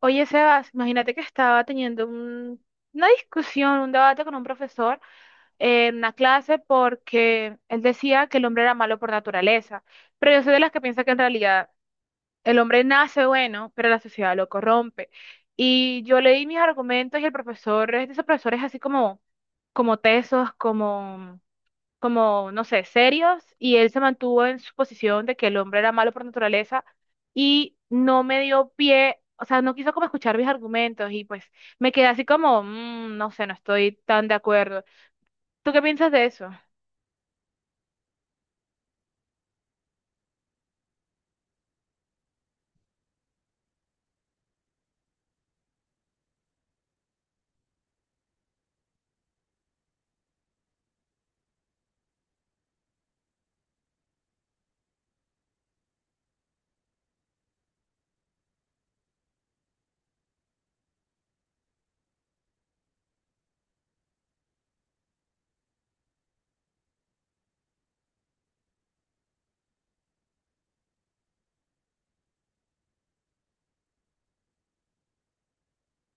Oye, Sebas, imagínate que estaba teniendo una discusión, un debate con un profesor en una clase porque él decía que el hombre era malo por naturaleza, pero yo soy de las que piensa que en realidad el hombre nace bueno, pero la sociedad lo corrompe. Y yo leí mis argumentos y el profesor es de esos profesores así como tesos, como, no sé, serios, y él se mantuvo en su posición de que el hombre era malo por naturaleza y no me dio pie, o sea, no quiso como escuchar mis argumentos, y pues me quedé así como: No sé, no estoy tan de acuerdo. ¿Tú qué piensas de eso?"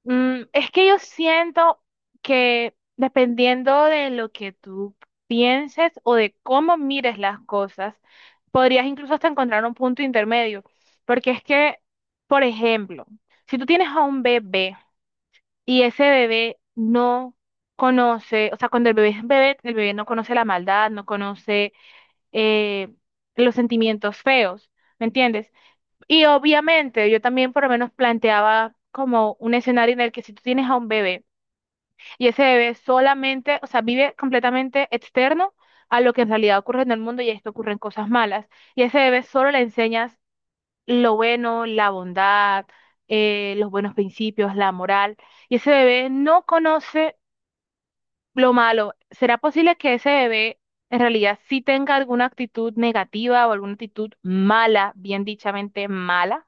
Es que yo siento que, dependiendo de lo que tú pienses o de cómo mires las cosas, podrías incluso hasta encontrar un punto intermedio, porque es que, por ejemplo, si tú tienes a un bebé, y ese bebé no conoce, o sea, cuando el bebé es bebé, el bebé no conoce la maldad, no conoce, eh, los sentimientos feos, ¿me entiendes? Y obviamente yo también por lo menos planteaba como un escenario en el que si tú tienes a un bebé y ese bebé solamente, o sea, vive completamente externo a lo que en realidad ocurre en el mundo, y esto ocurren cosas malas, y a ese bebé solo le enseñas lo bueno, la bondad, los buenos principios, la moral. Y ese bebé no conoce lo malo. ¿Será posible que ese bebé en realidad sí tenga alguna actitud negativa o alguna actitud mala, bien dichamente mala?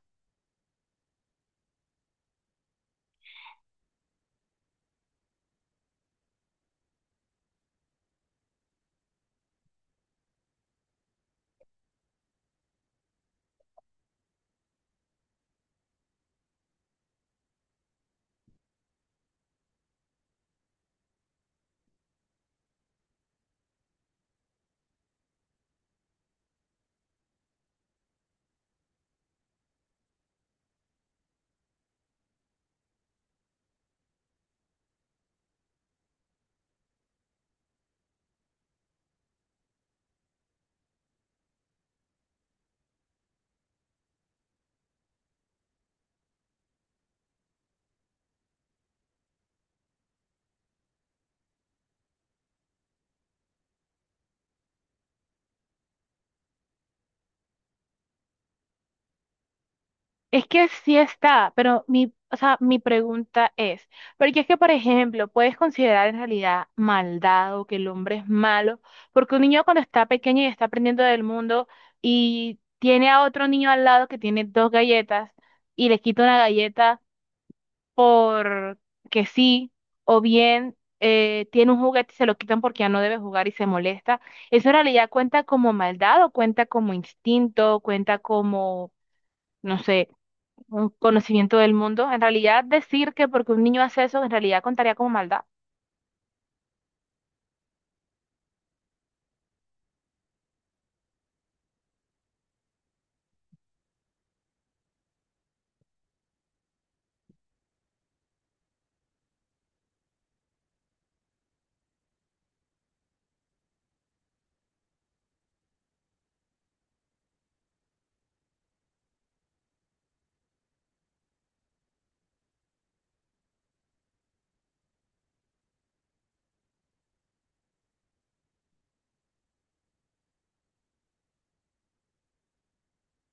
Es que sí está, pero mi, o sea, mi pregunta es, porque es que, por ejemplo, ¿puedes considerar en realidad maldad o que el hombre es malo, porque un niño, cuando está pequeño y está aprendiendo del mundo y tiene a otro niño al lado que tiene dos galletas, y le quita una galleta, por que sí, o bien, tiene un juguete y se lo quitan porque ya no debe jugar y se molesta? ¿Eso en realidad cuenta como maldad o cuenta como instinto, cuenta como, no sé, un conocimiento del mundo? En realidad, decir que porque un niño hace eso, en realidad contaría como maldad.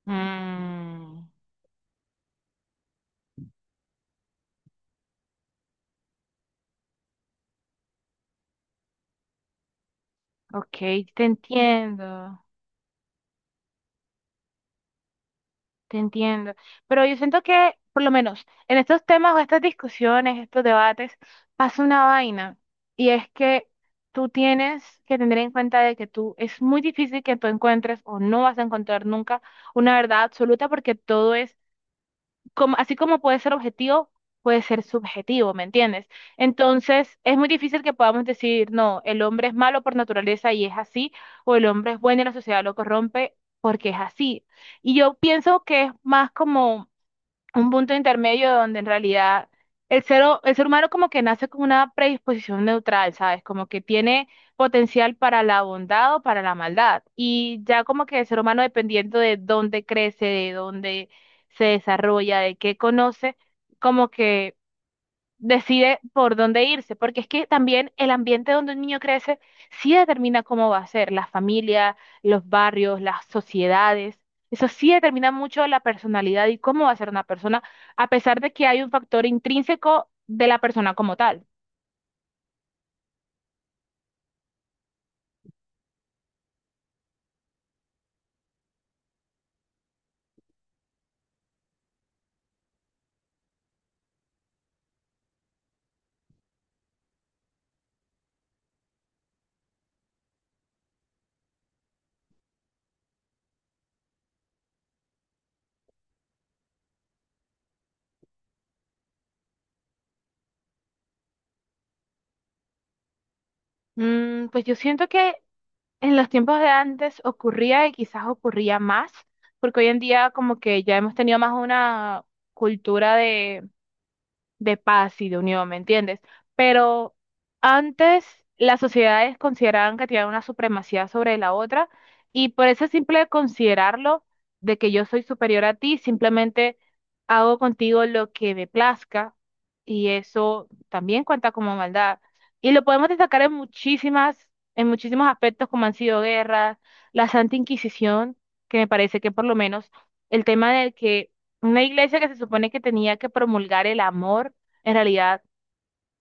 Mm, ok, te entiendo. Te entiendo. Pero yo siento que, por lo menos, en estos temas o estas discusiones, estos debates, pasa una vaina. Y es que tú tienes que tener en cuenta de que tú, es muy difícil que tú encuentres o no vas a encontrar nunca una verdad absoluta, porque todo es así como puede ser objetivo, puede ser subjetivo, ¿me entiendes? Entonces, es muy difícil que podamos decir, no, el hombre es malo por naturaleza y es así, o el hombre es bueno y la sociedad lo corrompe porque es así. Y yo pienso que es más como un punto intermedio, donde en realidad el ser humano como que nace con una predisposición neutral, ¿sabes? Como que tiene potencial para la bondad o para la maldad. Y ya como que el ser humano, dependiendo de dónde crece, de dónde se desarrolla, de qué conoce, como que decide por dónde irse, porque es que también el ambiente donde un niño crece sí determina cómo va a ser, la familia, los barrios, las sociedades, eso sí determina mucho la personalidad y cómo va a ser una persona, a pesar de que hay un factor intrínseco de la persona como tal. Pues yo siento que en los tiempos de antes ocurría, y quizás ocurría más, porque hoy en día como que ya hemos tenido más una cultura de paz y de unión, ¿me entiendes? Pero antes las sociedades consideraban que tenían una supremacía sobre la otra, y por ese simple considerarlo de que yo soy superior a ti, simplemente hago contigo lo que me plazca, y eso también cuenta como maldad. Y lo podemos destacar en muchísimas, en muchísimos aspectos, como han sido guerras, la Santa Inquisición, que me parece que, por lo menos, el tema del que una iglesia que se supone que tenía que promulgar el amor, en realidad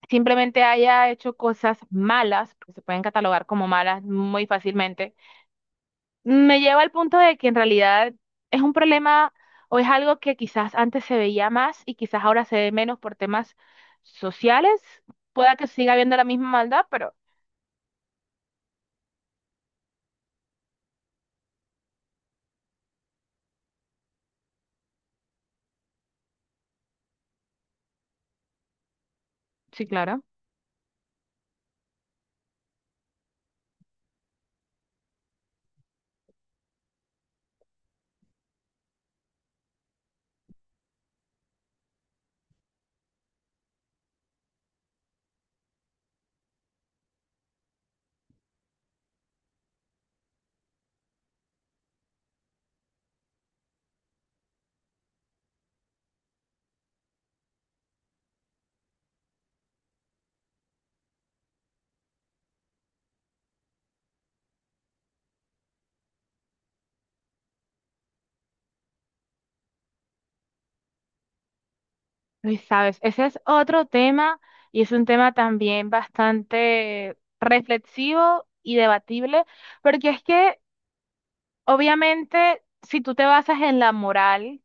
simplemente haya hecho cosas malas, porque se pueden catalogar como malas muy fácilmente, me lleva al punto de que en realidad es un problema o es algo que quizás antes se veía más y quizás ahora se ve menos por temas sociales. Pueda que siga habiendo la misma maldad, pero sí, claro. Y sabes, ese es otro tema, y es un tema también bastante reflexivo y debatible. Porque es que, obviamente, si tú te basas en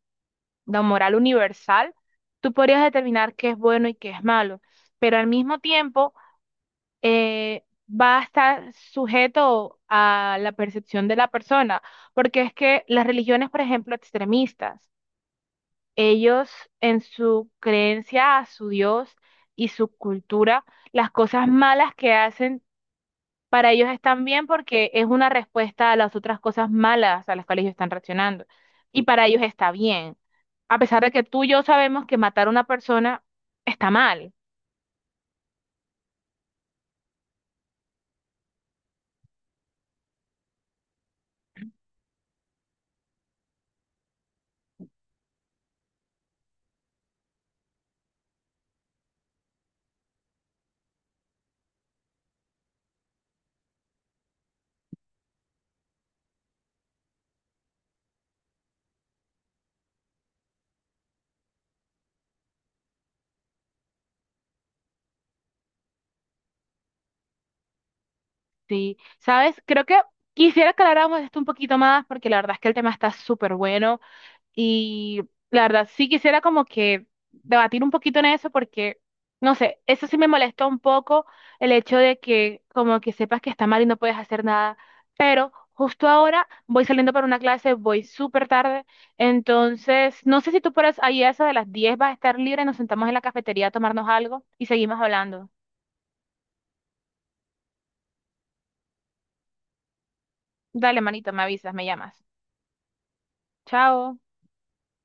la moral universal, tú podrías determinar qué es bueno y qué es malo, pero al mismo tiempo, eh, va a estar sujeto a la percepción de la persona, porque es que las religiones, por ejemplo, extremistas, ellos, en su creencia a su Dios y su cultura, las cosas malas que hacen para ellos están bien porque es una respuesta a las otras cosas malas a las cuales ellos están reaccionando. Y para ellos está bien. A pesar de que tú y yo sabemos que matar a una persona está mal. ¿Sí? ¿Sabes? Creo que quisiera que habláramos de esto un poquito más, porque la verdad es que el tema está súper bueno. Y la verdad, sí quisiera como que debatir un poquito en eso porque, no sé, eso sí me molesta un poco el hecho de que como que sepas que está mal y no puedes hacer nada. Pero justo ahora voy saliendo para una clase, voy súper tarde. Entonces, no sé si tú por ahí, a eso de las 10, vas a estar libre, nos sentamos en la cafetería a tomarnos algo y seguimos hablando. Dale, manito, me avisas, me llamas. Chao.